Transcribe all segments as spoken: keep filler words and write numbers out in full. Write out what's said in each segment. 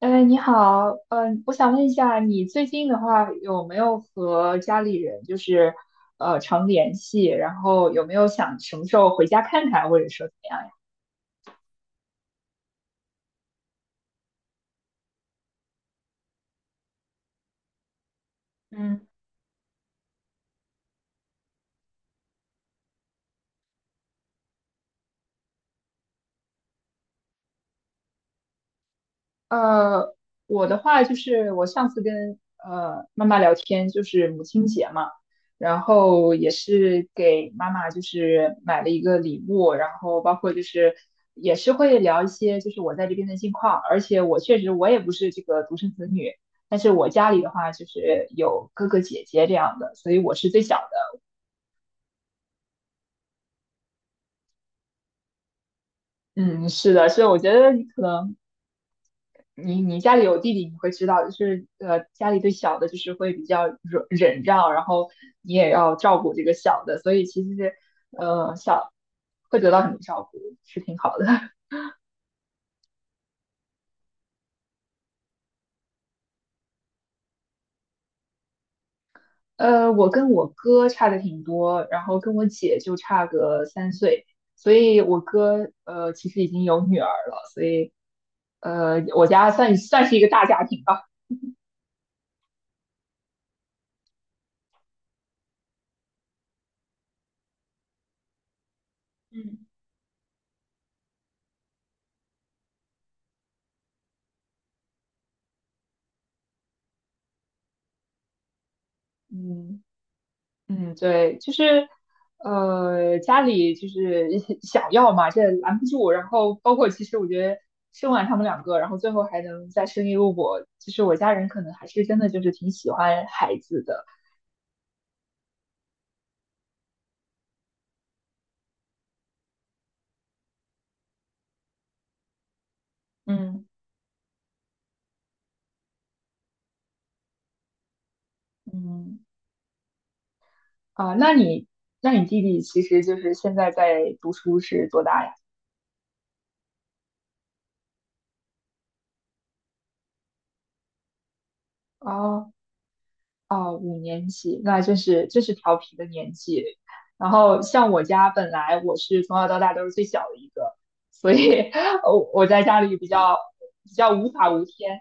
哎，你好。嗯、我想问一下，你最近的话有没有和家里人就是呃常联系？然后有没有想什么时候回家看看，或者说怎么样呀？嗯。呃，我的话就是我上次跟呃妈妈聊天，就是母亲节嘛，然后也是给妈妈就是买了一个礼物，然后包括就是也是会聊一些就是我在这边的近况，而且我确实我也不是这个独生子女，但是我家里的话就是有哥哥姐姐这样的，所以我是最小的。嗯，是的，所以我觉得你可能你你家里有弟弟，你会知道，就是呃，家里对小的就是会比较忍忍让，然后你也要照顾这个小的，所以其实是呃小会得到很多照顾，是挺好的。呃，我跟我哥差的挺多，然后跟我姐就差个三岁，所以我哥呃其实已经有女儿了，所以呃我家算算是一个大家庭吧。嗯，嗯。嗯，对，就是，呃，家里就是 想要嘛，这拦不住。然后包括其实我觉得生完他们两个，然后最后还能再生一个我，就是我家人可能还是真的就是挺喜欢孩子的。嗯。嗯，啊，那你那你弟弟其实就是现在在读书是多大呀？哦，哦，五年级，那真是真是调皮的年纪。然后像我家本来我是从小到大都是最小的一个，所以 我我在家里比较比较无法无天。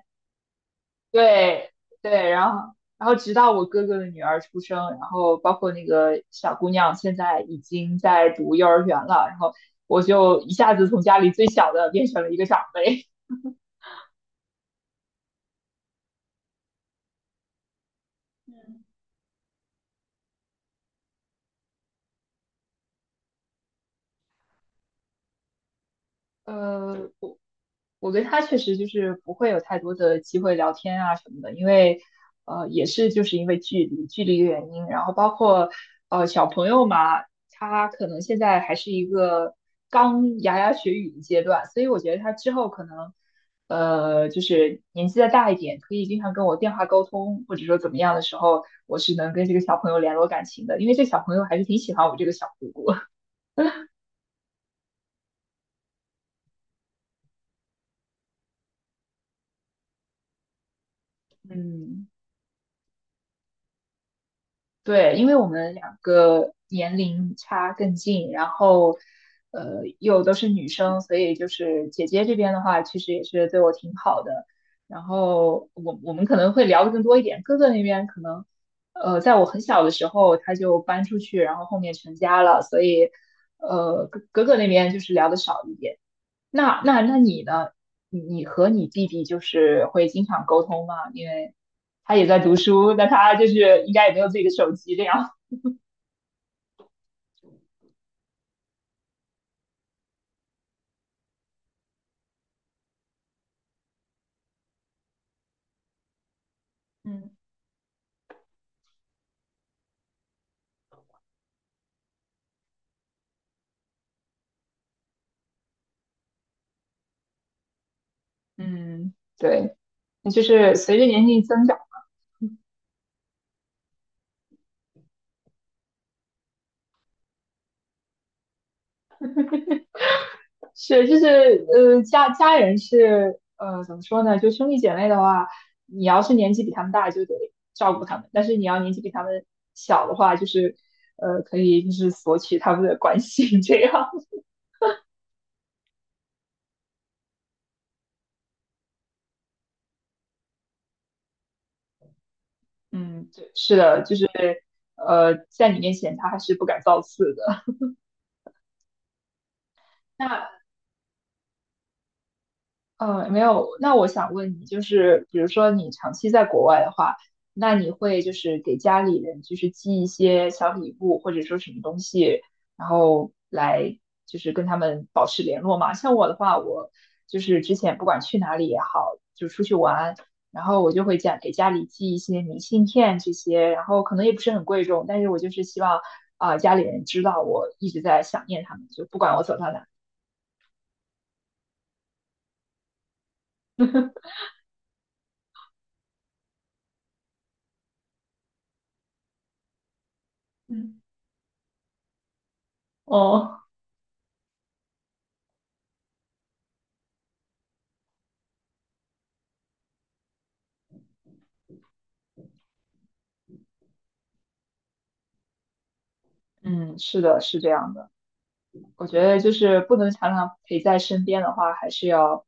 对，对，然后然后直到我哥哥的女儿出生，然后包括那个小姑娘现在已经在读幼儿园了，然后我就一下子从家里最小的变成了一个长辈。嗯，呃，我。我跟他确实就是不会有太多的机会聊天啊什么的，因为呃也是就是因为距离距离的原因，然后包括呃小朋友嘛，他可能现在还是一个刚牙牙学语的阶段，所以我觉得他之后可能呃就是年纪再大一点，可以经常跟我电话沟通，或者说怎么样的时候，我是能跟这个小朋友联络感情的，因为这小朋友还是挺喜欢我这个小姑姑。嗯。对，因为我们两个年龄差更近，然后呃又都是女生，所以就是姐姐这边的话，其实也是对我挺好的。然后我我们可能会聊的更多一点，哥哥那边可能呃在我很小的时候他就搬出去，然后后面成家了，所以呃哥哥哥那边就是聊的少一点。那那那你呢？你你和你弟弟就是会经常沟通吗？因为他也在读书，那他就是应该也没有自己的手机这样。嗯。嗯，对，那就是随着年龄增长，是就是呃家家人是呃怎么说呢？就兄弟姐妹的话，你要是年纪比他们大，就得照顾他们；但是你要年纪比他们小的话，就是呃可以就是索取他们的关心这样。嗯，对，是的，就是呃，在你面前他还是不敢造次的。那呃，没有。那我想问你，就是比如说你长期在国外的话，那你会就是给家里人就是寄一些小礼物，或者说什么东西，然后来就是跟他们保持联络吗？像我的话，我就是之前不管去哪里也好，就出去玩，然后我就会家给家里寄一些明信片这些，然后可能也不是很贵重，但是我就是希望啊，家里人知道我一直在想念他们，就不管我走到哪。嗯，哦。嗯，是的，是这样的。我觉得就是不能常常陪在身边的话，还是要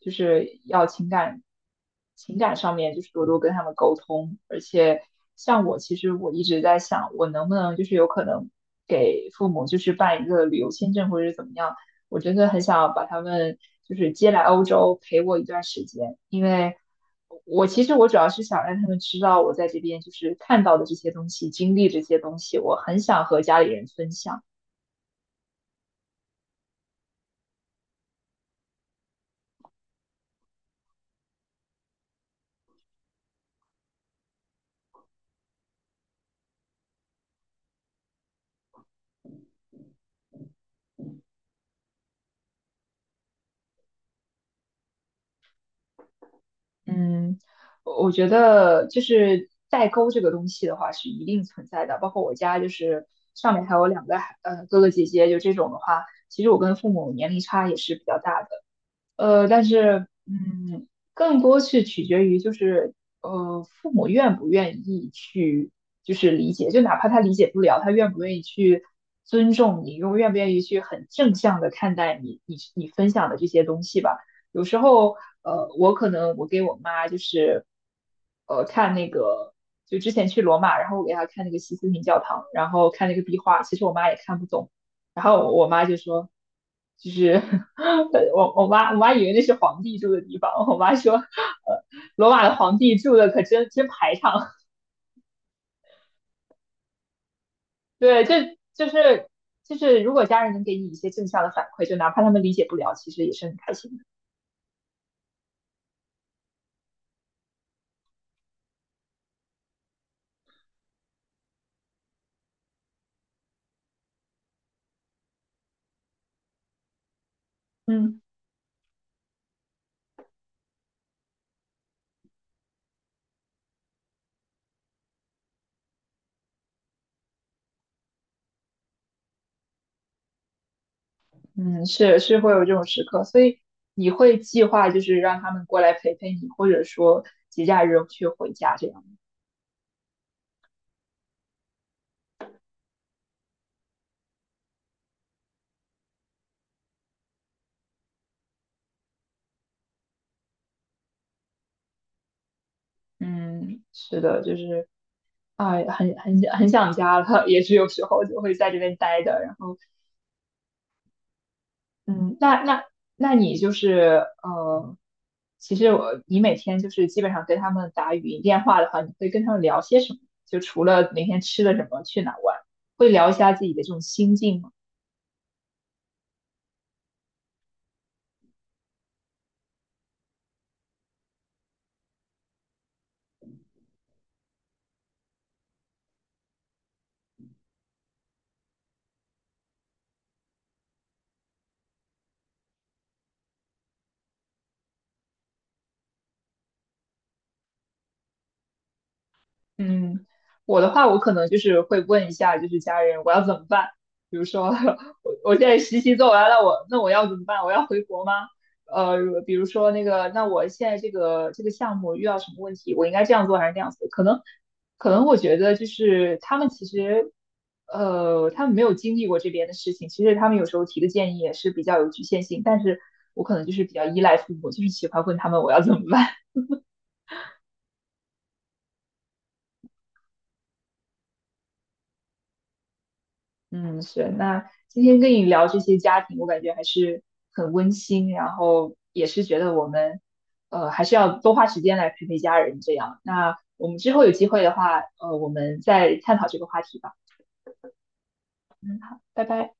就是要情感情感上面就是多多跟他们沟通，而且像我其实我一直在想，我能不能就是有可能给父母就是办一个旅游签证或者是怎么样，我真的很想把他们就是接来欧洲陪我一段时间，因为我其实我主要是想让他们知道我在这边就是看到的这些东西，经历这些东西，我很想和家里人分享。嗯，我我觉得就是代沟这个东西的话是一定存在的，包括我家就是上面还有两个孩呃哥哥姐姐，就这种的话，其实我跟父母年龄差也是比较大的。呃，但是，嗯，更多是取决于就是，呃，父母愿不愿意去，就是理解，就哪怕他理解不了，他愿不愿意去尊重你，又愿不愿意去很正向的看待你，你你分享的这些东西吧。有时候，呃，我可能我给我妈就是，呃，看那个，就之前去罗马，然后我给她看那个西斯廷教堂，然后看那个壁画，其实我妈也看不懂，然后我妈就说，就是。我我妈我妈以为那是皇帝住的地方，我妈说，呃，罗马的皇帝住的可真真排场。对，这就是就是如果家人能给你一些正向的反馈，就哪怕他们理解不了，其实也是很开心的。嗯，嗯，是是会有这种时刻，所以你会计划就是让他们过来陪陪你，或者说节假日去回家这样。嗯，是的，就是啊，很很很想家了，也是有时候就会在这边待着，然后。嗯，那那那你就是呃，其实我你每天就是基本上跟他们打语音电话的话，你会跟他们聊些什么？就除了每天吃了什么，去哪儿玩，会聊一下自己的这种心境吗？嗯，我的话，我可能就是会问一下，就是家人我要怎么办？比如说，我我现在实习做完了，我那我要怎么办？我要回国吗？呃，比如说那个，那我现在这个这个项目遇到什么问题，我应该这样做还是那样做？可能可能我觉得就是他们其实，呃，他们没有经历过这边的事情，其实他们有时候提的建议也是比较有局限性，但是我可能就是比较依赖父母，就是喜欢问他们我要怎么办。嗯，是。那今天跟你聊这些家庭，我感觉还是很温馨，然后也是觉得我们，呃，还是要多花时间来陪陪家人这样。那我们之后有机会的话，呃，我们再探讨这个话题吧。嗯，好，拜拜。